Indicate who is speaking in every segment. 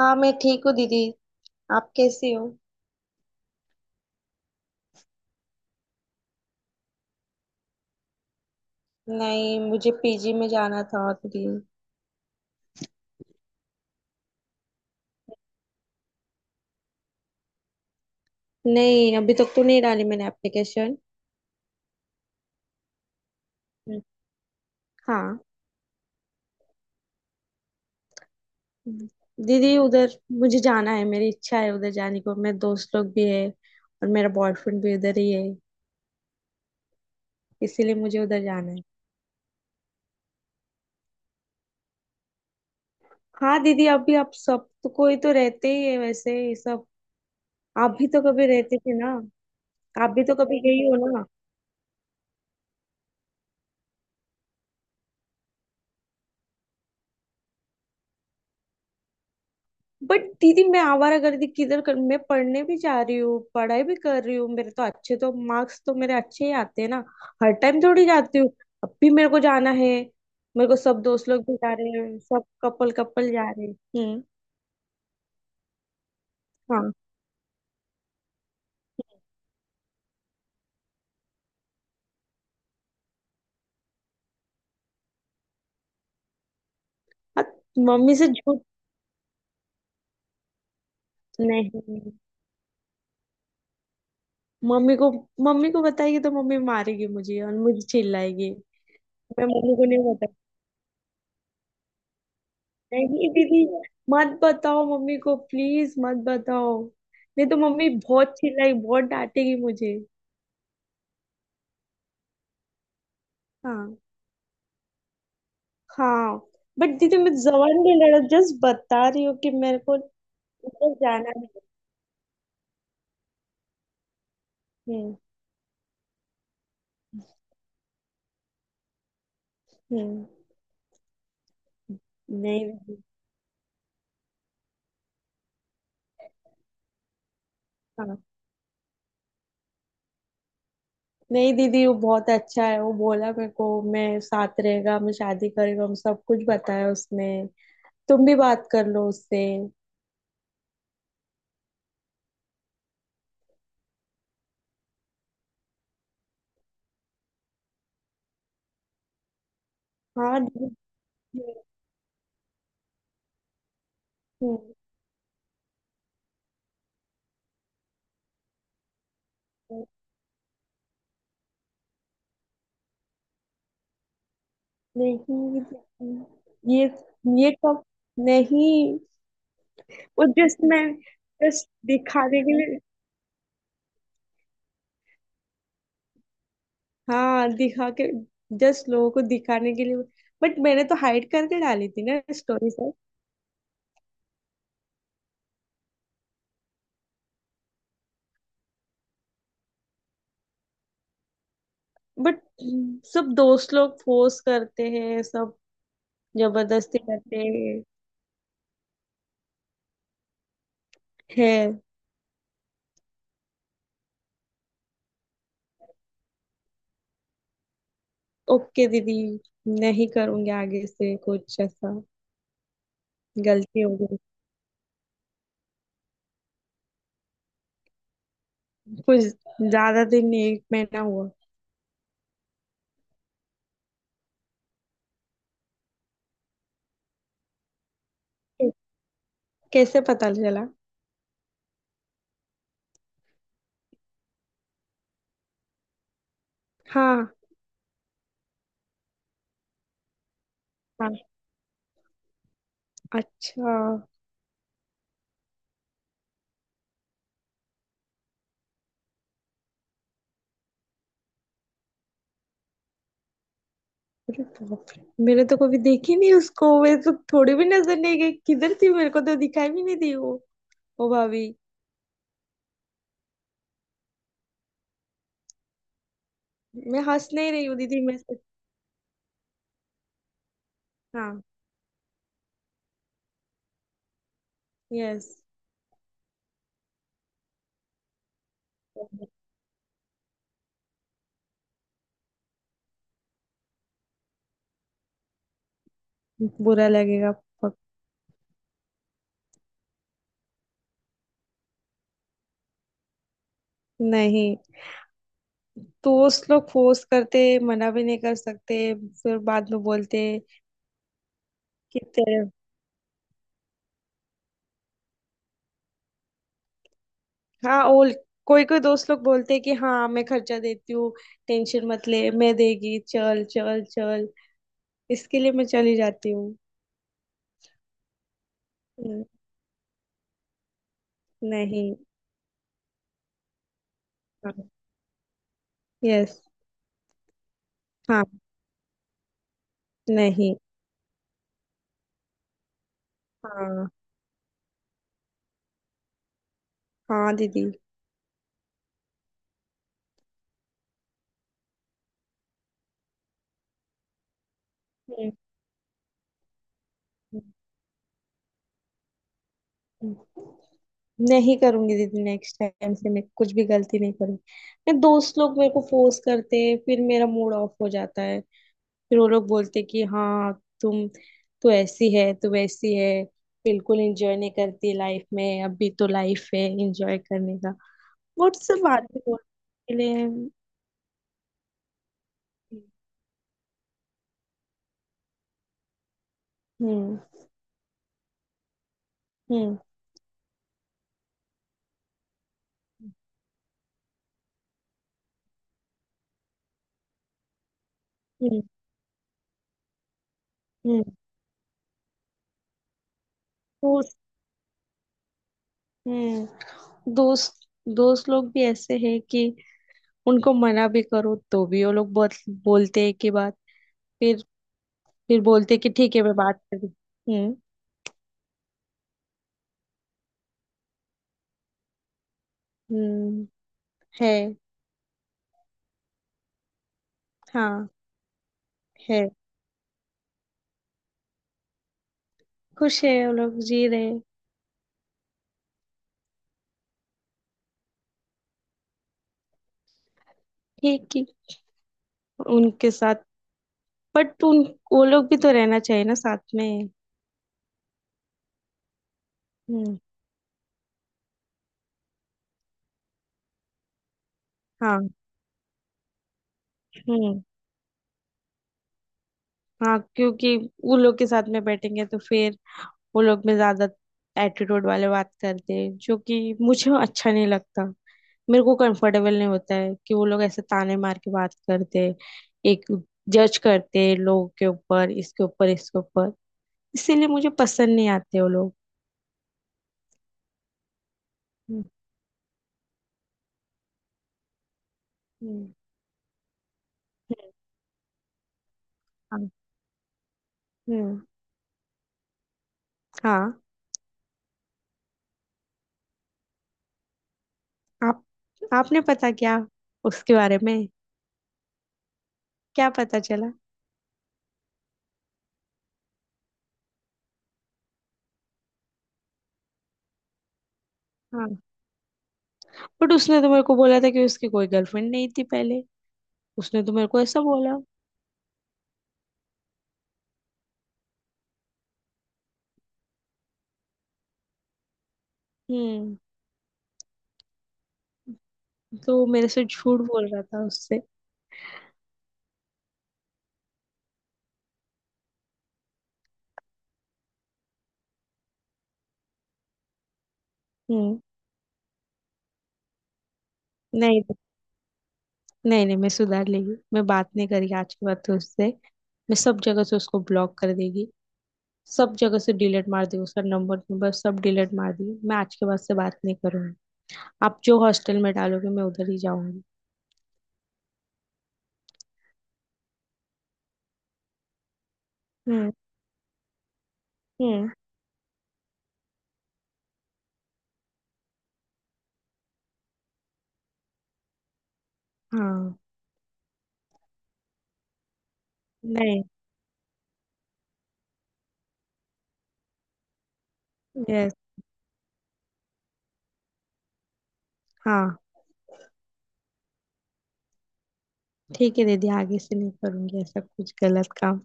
Speaker 1: हाँ, मैं ठीक हूँ दीदी। आप कैसी हो? नहीं, मुझे पीजी में जाना था दीदी। नहीं, अभी तक तो नहीं डाली मैंने एप्लीकेशन। हाँ दीदी, उधर मुझे जाना है, मेरी इच्छा है उधर जाने को। मेरे दोस्त लोग भी है और मेरा बॉयफ्रेंड भी उधर ही है, इसीलिए मुझे उधर जाना है। हाँ दीदी, अभी आप सब तो कोई तो रहते ही है वैसे ये सब। आप भी तो कभी रहते थे ना। आप भी तो कभी गई हो। बट दीदी, मैं आवारागर्दी किधर कर? मैं पढ़ने भी जा रही हूँ, पढ़ाई भी कर रही हूँ, मेरे तो अच्छे तो मार्क्स तो मेरे अच्छे ही आते हैं ना। हर टाइम थोड़ी जाती हूँ। अब भी मेरे को जाना है। मेरे को सब दोस्त लोग भी जा रहे हैं, सब कपल कपल जा रहे हैं। हम्म। हाँ। हाँ, मम्मी से झूठ। नहीं। मम्मी को मम्मी को बताएगी तो मम्मी मारेगी मुझे और मुझे चिल्लाएगी। मैं मम्मी को नहीं। नहीं दीदी, मत बताओ मम्मी को, प्लीज मत बताओ। नहीं तो मम्मी बहुत चिल्लाई, बहुत डांटेगी मुझे। हाँ, हाँ। बट दीदी, मैं जबान नहीं लड़ा, जस्ट बता रही हूँ कि मेरे को उधर जाना है। हम्म। हम्म। नहीं दीदी। हाँ। नहीं दीदी, वो बहुत अच्छा है, वो बोला मेरे को। मैं साथ रहेगा, मैं शादी करेगा, हम सब कुछ बताया उसने। तुम भी बात कर लो उससे। हाँ दीदी। हम्म। नहीं। ये ये कब? नहीं। वो जस्ट मैं, जस्ट दिखाने के लिए। हाँ, दिखा के, जस्ट लोगों को दिखाने के लिए। बट मैंने तो हाइड करके डाली थी ना स्टोरी से। बट सब दोस्त लोग फोर्स करते हैं, सब जबरदस्ती करते हैं। ओके दीदी, नहीं करूंगी आगे से कुछ ऐसा। गलती हो गई। कुछ ज्यादा दिन नहीं, एक महीना हुआ। कैसे पता चला? हाँ। हाँ। अच्छा। अरे बाप रे! मैंने तो कभी देखी नहीं उसको, मैं तो थोड़ी भी नजर नहीं गई किधर थी, मेरे को तो दिखाई भी नहीं दी वो। ओ भाभी, मैं हंस नहीं रही हूँ दीदी, मैं सच- हाँ। यस। बुरा लगेगा। पक- नहीं, दोस्त लोग फोर्स करते, मना भी नहीं कर सकते, फिर बाद में बोलते कि ते- हाँ, और कोई कोई दोस्त लोग बोलते कि हाँ, मैं खर्चा देती हूँ, टेंशन मत ले, मैं देगी, चल चल चल। इसके लिए मैं चली जाती हूँ। हम्म। नहीं। यस। हाँ। नहीं। हाँ। हाँ दीदी। हम्म, हम्म, हम्म। नहीं करूंगी दीदी, नेक्स्ट टाइम से मैं कुछ भी गलती नहीं करूंगी। मैं दोस्त लोग मेरे को फोर्स करते हैं, फिर मेरा मूड ऑफ हो जाता है। फिर वो लोग बोलते हैं कि हाँ, तुम तो ऐसी है, तू वैसी है, बिल्कुल एंजॉय नहीं करती लाइफ में, अभी तो लाइफ है एंजॉय करने का। वो सब बातें बोलने के लिए। हम्म। हम्म। हम्म। हम्म। हम्म, हम्म, हम्म। दोस्त दोस्त लोग भी ऐसे हैं कि उनको मना भी करो तो भी वो लोग बहुत बोलते हैं कि बात, फिर फिर बोलते हैं कि ठीक है मैं बात करूँ। हम्म। हम्म। है। हाँ। है। खुश है, वो लोग जी रहे हैं। ठीक ही उनके साथ, बट उन, वो लोग भी तो रहना चाहिए ना साथ में। हम्म। हाँ। हम्म। हाँ, क्योंकि वो लोग के साथ में बैठेंगे तो फिर वो लोग में ज्यादा एटीट्यूड वाले बात करते हैं, जो कि मुझे अच्छा नहीं लगता। मेरे को कंफर्टेबल नहीं होता है कि वो लोग ऐसे ताने मार के बात करते, एक जज करते लोग के ऊपर, इसके ऊपर, इसके ऊपर। इसीलिए मुझे पसंद नहीं आते वो लोग। हम्म। हम्म। हम्म, हम्म। हाँ। आप आपने पता क्या उसके बारे में? क्या पता चला? हाँ, बट उसने तो मेरे को बोला था कि उसकी कोई गर्लफ्रेंड नहीं थी पहले। उसने तो मेरे को ऐसा बोला। हम्म। तो मेरे से झूठ बोल रहा था उससे। हम्म। नहीं, नहीं, नहीं। मैं सुधार लेगी, मैं बात नहीं करी आज के बाद तो उससे। मैं सब जगह से उसको ब्लॉक कर देगी। सब जगह से डिलीट मार देगी उसका नंबर नंबर सब डिलीट मार देगी। मैं आज के बाद से बात नहीं करूंगी। आप जो हॉस्टल में डालोगे मैं उधर ही जाऊंगी। हम्म। हम्म। हाँ। नहीं। यस। हाँ। ठीक है दीदी, आगे से नहीं करूंगी ऐसा कुछ गलत काम।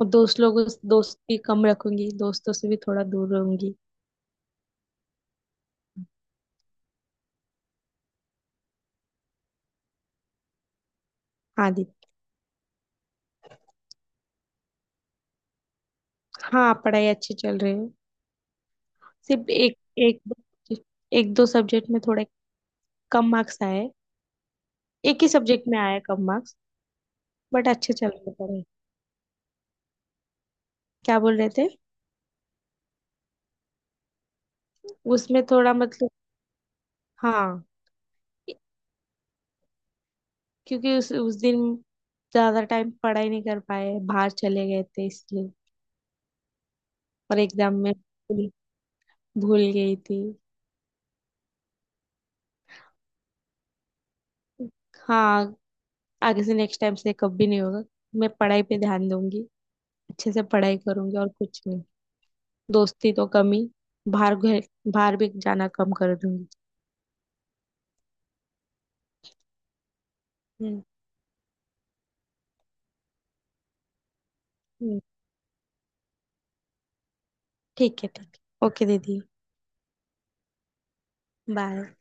Speaker 1: और दोस्त लोगों, दोस्त भी कम रखूंगी, दोस्तों से भी थोड़ा दूर रहूंगी। हाँ दीदी। हाँ, पढ़ाई अच्छी चल रही है। सिर्फ एक, एक दो, एक दो सब्जेक्ट में थोड़ा कम मार्क्स आए। एक ही सब्जेक्ट में आए कम मार्क्स। बट अच्छे चल रहे पढ़े। क्या बोल रहे थे? उसमें थोड़ा मतलब। हाँ। क्योंकि उस दिन ज्यादा टाइम पढ़ाई नहीं कर पाए, बाहर चले गए थे इसलिए। और एग्जाम में भूल भूल गई थी। हाँ, आगे से, नेक्स्ट टाइम से कभी नहीं होगा। मैं पढ़ाई पे ध्यान दूंगी। अच्छे से पढ़ाई करूंगी और कुछ नहीं। दोस्ती तो कम ही, बाहर घे- बाहर भी जाना कम कर दूंगी। हम्म। हम्म। ठीक है, ठीक है, ओके दीदी। बाय।